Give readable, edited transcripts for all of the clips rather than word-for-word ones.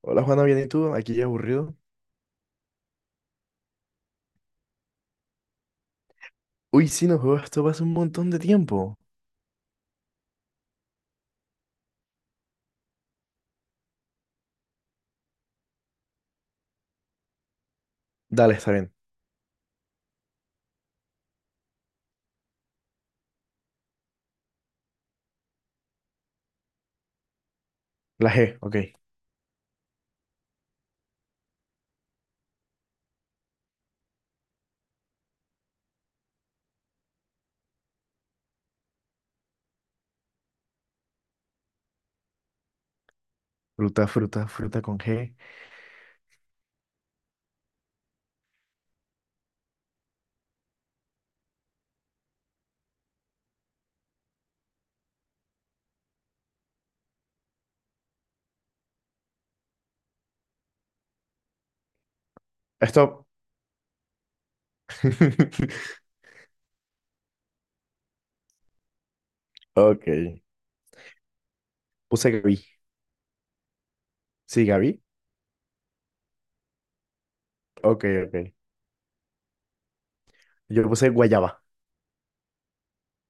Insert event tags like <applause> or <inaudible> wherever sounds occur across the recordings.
Hola Juana, bien y tú, aquí ya aburrido. Uy, sí, no juego esto hace un montón de tiempo. Dale, está bien. La G, ok. Fruta, fruta, fruta con G. Stop. <laughs> Ok. Puse Gaby. Sí, Gaby. Ok, ok. Yo puse guayaba.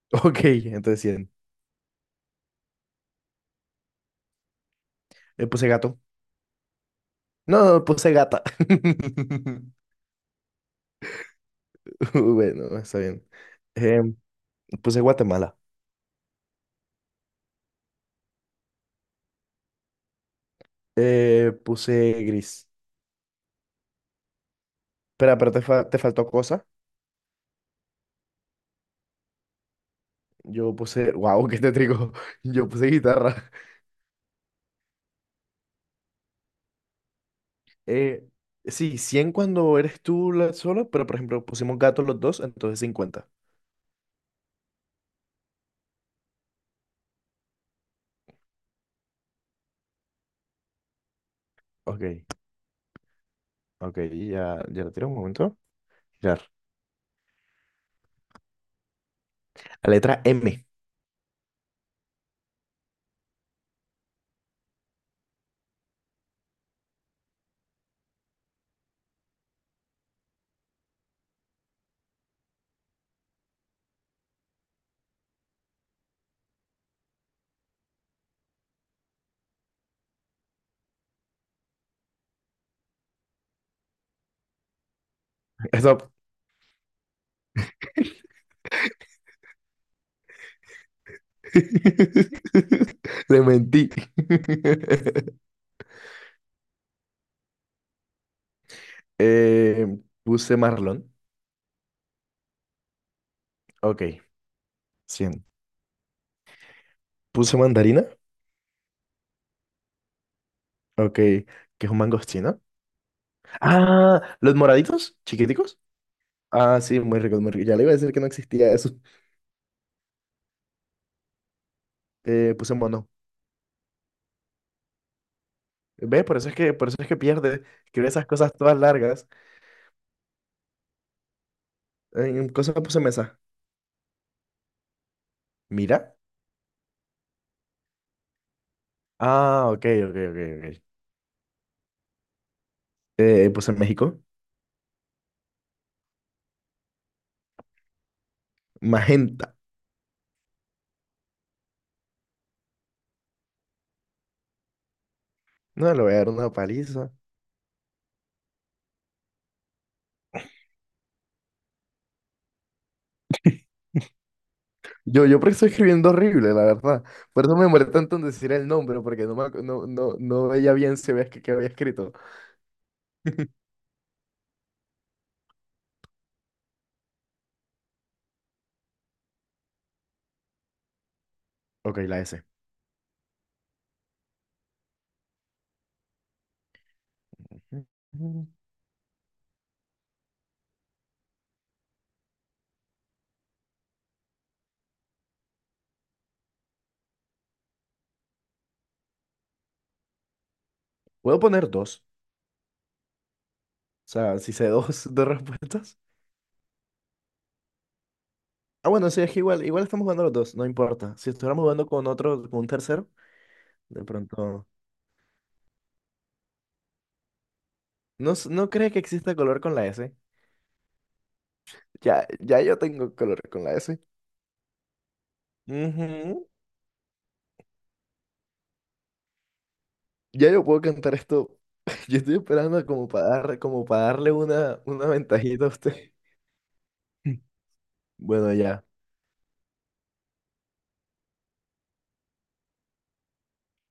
<laughs> Ok, entonces 100. Le puse gato. No, no, puse gata. <laughs> Bueno, está bien. Em, puse Guatemala. Puse gris. Espera, pero te faltó cosa. Yo puse, wow, qué tétrico. <laughs> Yo puse guitarra. Eh, sí, 100 cuando eres tú la sola, pero por ejemplo pusimos gato los dos, entonces 50. Ok, ok, ya, ya lo tiro un momento. Girar. La letra M. Stop. <laughs> Le mentí. <laughs> Eh, puse marlón. Ok, 100. Puse mandarina. Ok, que es un mangostino. Ah, los moraditos, chiquiticos. Ah, sí, muy rico, muy rico. Ya le iba a decir que no existía eso. Puse mono. Ves por eso es que pierde. Escribe esas cosas todas largas. En cosas puse mesa. Mira. Ah, ok, ok, ok, ok. Puse en México. Magenta. No, le voy a dar una paliza. Yo porque estoy escribiendo horrible, la verdad. Por eso me demoré tanto en decir el nombre, porque no, no, no, no veía bien si había, que había escrito. <laughs> Ok, la S. Puedo poner dos. O sea, si sé dos, <laughs> dos respuestas. Ah, bueno, sí, es que igual, igual estamos jugando los dos, no importa. Si estuviéramos jugando con otro, con un tercero, de pronto. ¿No, no crees que exista color con la S? Ya, ya yo tengo color con la S. Ujú. Ya yo puedo cantar esto. <laughs> Yo estoy esperando como para darle una ventajita a usted. <laughs> Bueno, ya.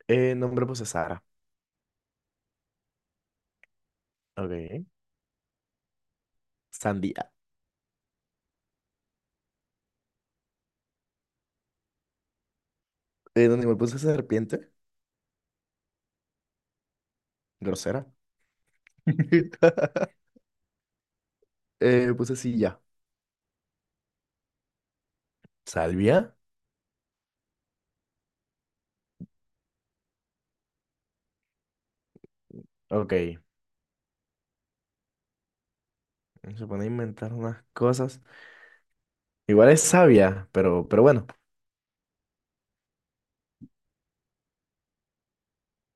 Nombre puse Sara. Ok. Sandía. Donde me puse serpiente, grosera. <laughs> Puse silla. ¿Salvia? Ok. Se pone a inventar unas cosas. Igual es sabia, pero bueno,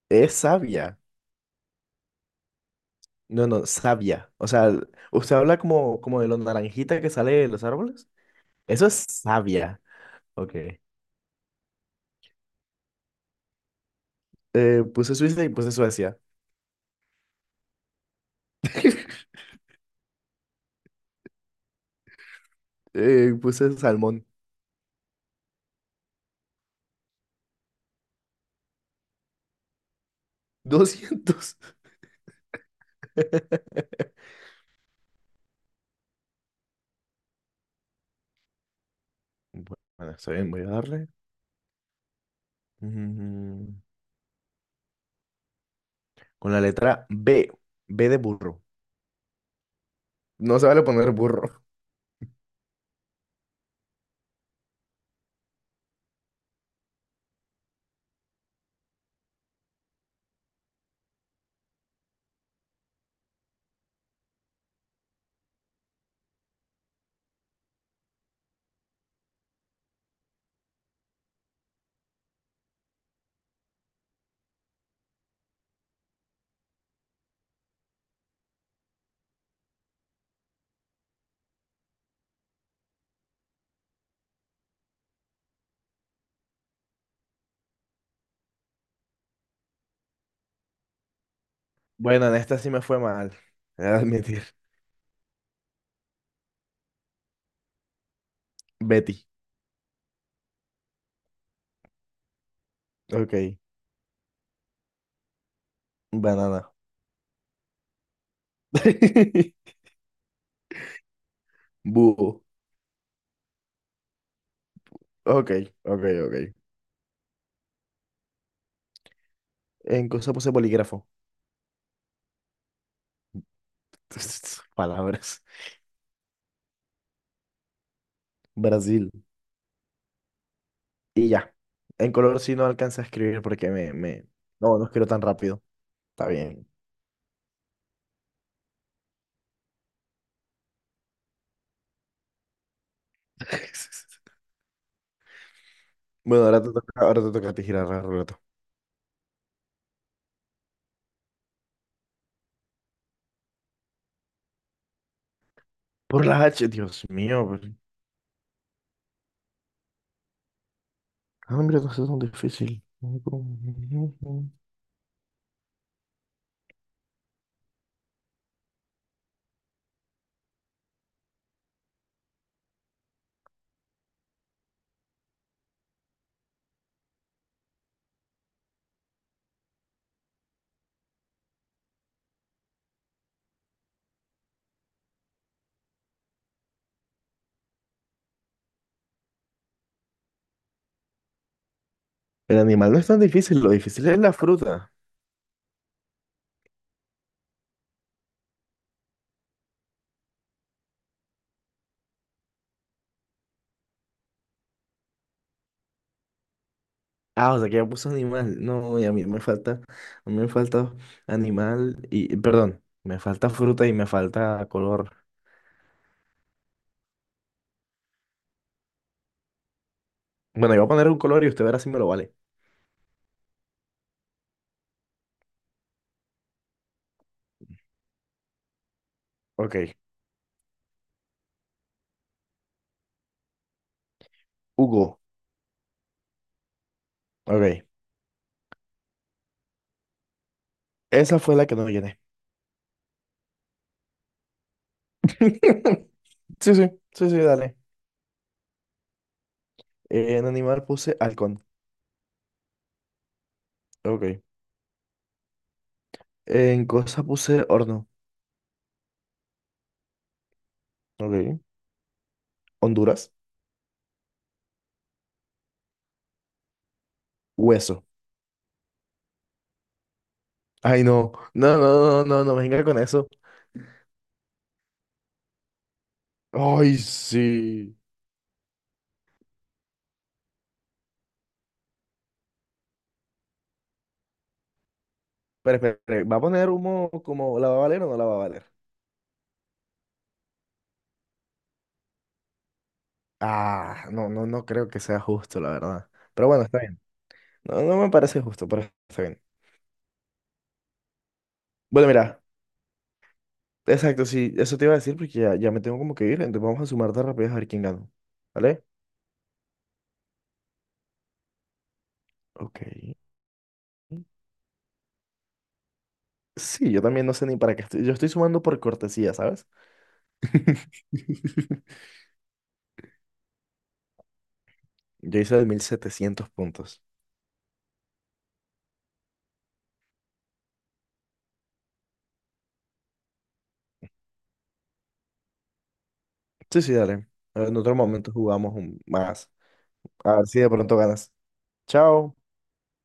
es sabia. No, no, savia. O sea, usted habla como de los naranjitas que sale de los árboles. Eso es savia. Ok. Puse Suiza y puse Suecia. <laughs> Puse salmón. 200. <laughs> Bueno, está bien, voy a darle. Mm, Con la letra B. B de burro. No se vale poner burro. Bueno, en esta sí me fue mal. Voy a admitir. Betty. Ok. Banana. <laughs> Búho. Ok, ok, ok. En cosa puse bolígrafo. <laughs> Palabras. Brasil. Y ya. En color sí no alcanza a escribir porque me. No, no escribo tan rápido. Está bien. <laughs> Bueno, ahora te toca, a ti girar la ruleta. Por la H, Dios mío. Ah, mira, no es tan difícil. El animal no es tan difícil, lo difícil es la fruta. Ah, o sea que ya puso animal. No, y a mí me falta, a mí me falta animal y, perdón, me falta fruta y me falta color. Bueno, yo voy a poner un color y usted verá si me lo vale. Ok, Hugo. Ok, esa fue la que no llené. <laughs> Sí, sí, sí, sí, dale. En animal puse halcón. Ok. En cosa puse horno. Ok. Honduras. Hueso. Ay, no. No, no, no, no, no venga con eso. Ay, sí. Pero, espera espere, ¿va a poner humo como la va a valer o no la va a valer? Ah, no, no, no creo que sea justo, la verdad. Pero bueno, está bien. No, no me parece justo, pero está bien. Bueno, mira. Exacto, sí, eso te iba a decir porque ya, ya me tengo como que ir, entonces vamos a sumar de rapidez a ver quién gana. ¿Vale? Ok. Sí, yo también no sé ni para qué estoy. Yo estoy sumando por cortesía, ¿sabes? <laughs> Yo hice de 1700 puntos. Sí, sí, dale. En otro momento jugamos más. A ver si de pronto ganas. Chao.